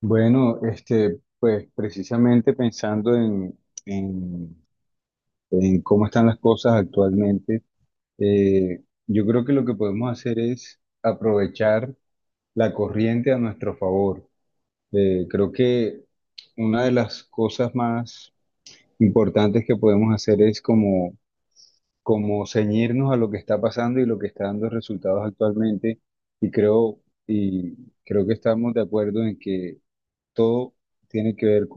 Bueno, este, pues precisamente pensando en- en cómo están las cosas actualmente, yo creo que lo que podemos hacer es aprovechar la corriente a nuestro favor. Creo que una de las cosas más importantes que podemos hacer es como ceñirnos a lo que está pasando y lo que está dando resultados actualmente. Y creo, y Creo que estamos de acuerdo en que todo tiene que ver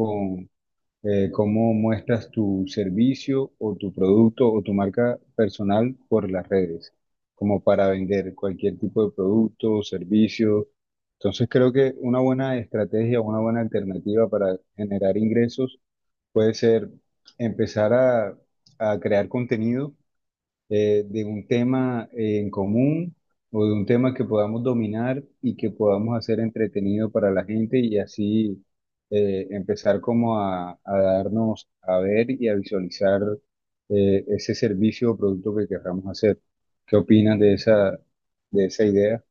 cómo muestras tu servicio o tu producto o tu marca personal por las redes, como para vender cualquier tipo de producto o servicio. Entonces creo que una buena estrategia, una buena alternativa para generar ingresos puede ser empezar a crear contenido de un tema en común o de un tema que podamos dominar y que podamos hacer entretenido para la gente y así empezar como a darnos a ver y a visualizar ese servicio o producto que querramos hacer. ¿Qué opinas de esa idea?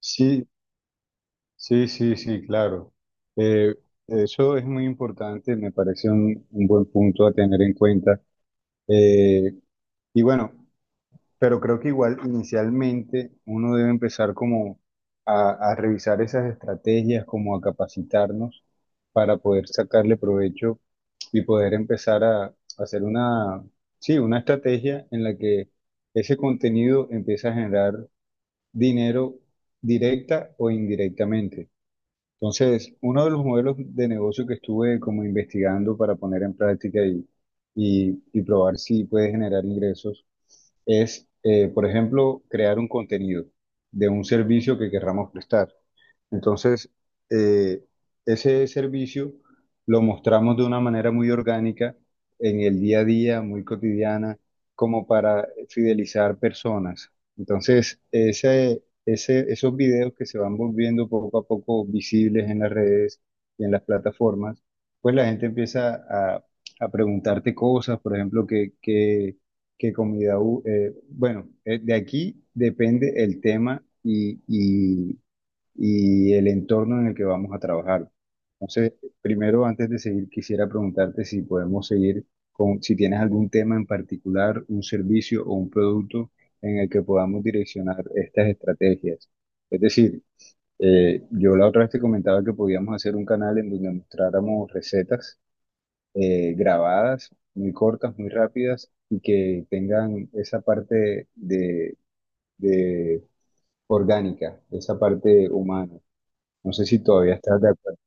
Sí, sí, sí, sí, claro. Eh, Eso es muy importante, me parece un buen punto a tener en cuenta. Eh, y bueno. Pero creo que igual inicialmente uno debe empezar como a revisar esas estrategias, como a capacitarnos para poder sacarle provecho y poder empezar a hacer sí, una estrategia en la que ese contenido empieza a generar dinero directa o indirectamente. Entonces, uno de los modelos de negocio que estuve como investigando para poner en práctica y probar si puede generar ingresos es, por ejemplo, crear un contenido de un servicio que querramos prestar. Entonces, eh, ese servicio lo mostramos de una manera muy orgánica en el día a día, muy cotidiana, como para fidelizar personas. Entonces, esos videos que se van volviendo poco a poco visibles en las redes y en las plataformas, pues la gente empieza a preguntarte cosas, por ejemplo, que comida, de aquí depende el tema y el entorno en el que vamos a trabajar. Entonces, primero, antes de seguir, quisiera preguntarte si podemos seguir con, si tienes algún tema en particular, un servicio o un producto en el que podamos direccionar estas estrategias. Es decir, yo la otra vez te comentaba que podíamos hacer un canal en donde mostráramos recetas grabadas, muy cortas, muy rápidas, y que tengan esa parte de orgánica, esa parte humana. No sé si todavía estás de acuerdo.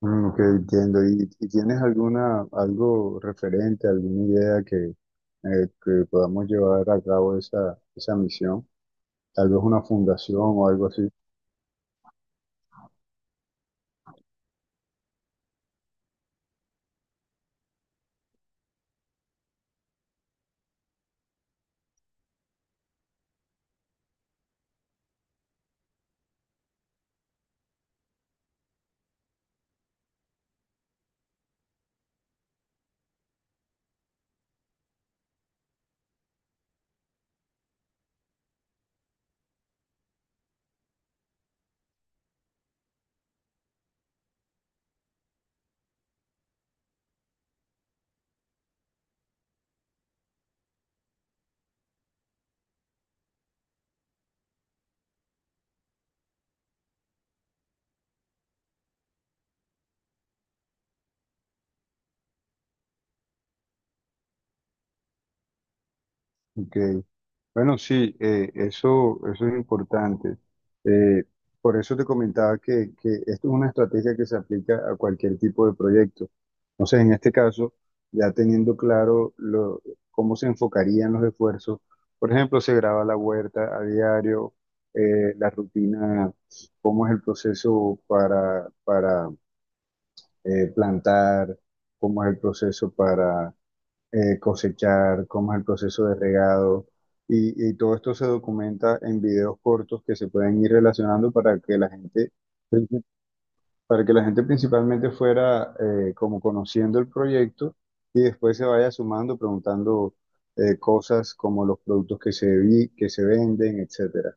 Mm, ok, entiendo. ¿Y tienes alguna, algo referente, alguna idea que podamos llevar a cabo esa, esa misión? Tal vez una fundación o algo así. Ok. Bueno, sí, eso, eso es importante. Eh, por eso te comentaba que esto es una estrategia que se aplica a cualquier tipo de proyecto. Entonces en este caso, ya teniendo claro cómo se enfocarían los esfuerzos, por ejemplo, se graba la huerta a diario, la rutina, cómo es el proceso para plantar, cómo es el proceso cosechar, cómo es el proceso de regado. Y todo esto se documenta en videos cortos que se pueden ir relacionando para que la gente, para que la gente principalmente fuera como conociendo el proyecto y después se vaya sumando, preguntando cosas como los productos que se, que se venden, etc.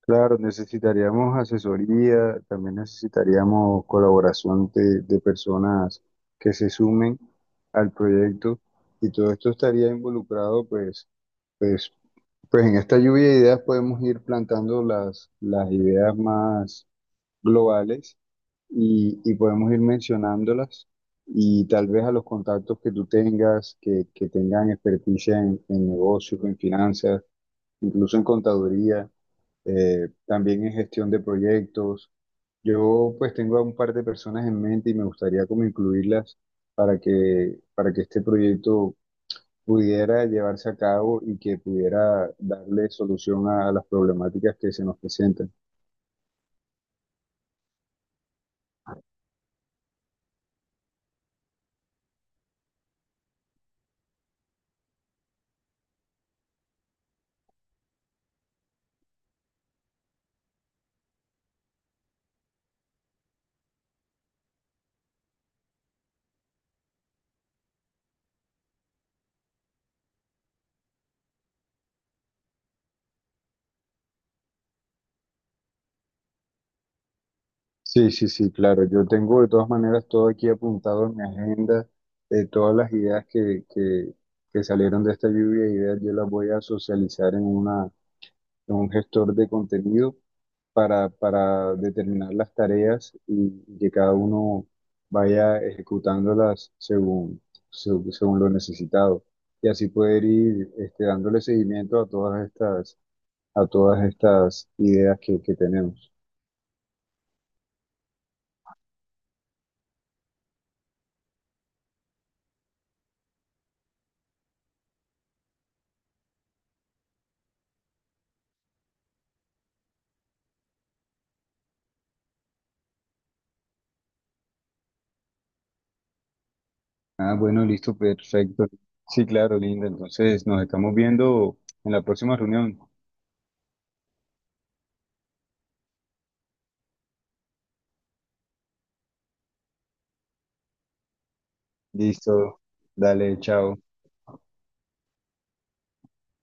Claro, necesitaríamos asesoría, también necesitaríamos colaboración de personas que se sumen al proyecto y todo esto estaría involucrado, pues, pues en esta lluvia de ideas podemos ir plantando las ideas más globales y podemos ir mencionándolas y tal vez a los contactos que tú tengas, que tengan experticia en negocios, en finanzas, incluso en contaduría también en gestión de proyectos. Yo pues tengo a un par de personas en mente y me gustaría como incluirlas para que este proyecto pudiera llevarse a cabo y que pudiera darle solución a las problemáticas que se nos presentan. Sí, sí, sí, claro. Yo tengo de todas maneras todo aquí apuntado en mi agenda, todas las ideas que salieron de esta lluvia de ideas, yo las voy a socializar en una un gestor de contenido para determinar las tareas y que cada uno vaya ejecutándolas según lo necesitado. Y así poder ir este, dándole seguimiento a todas estas ideas que tenemos. Ah, bueno, listo, perfecto. Sí, claro, Linda. Entonces nos estamos viendo en la próxima reunión. Listo. Dale, chao.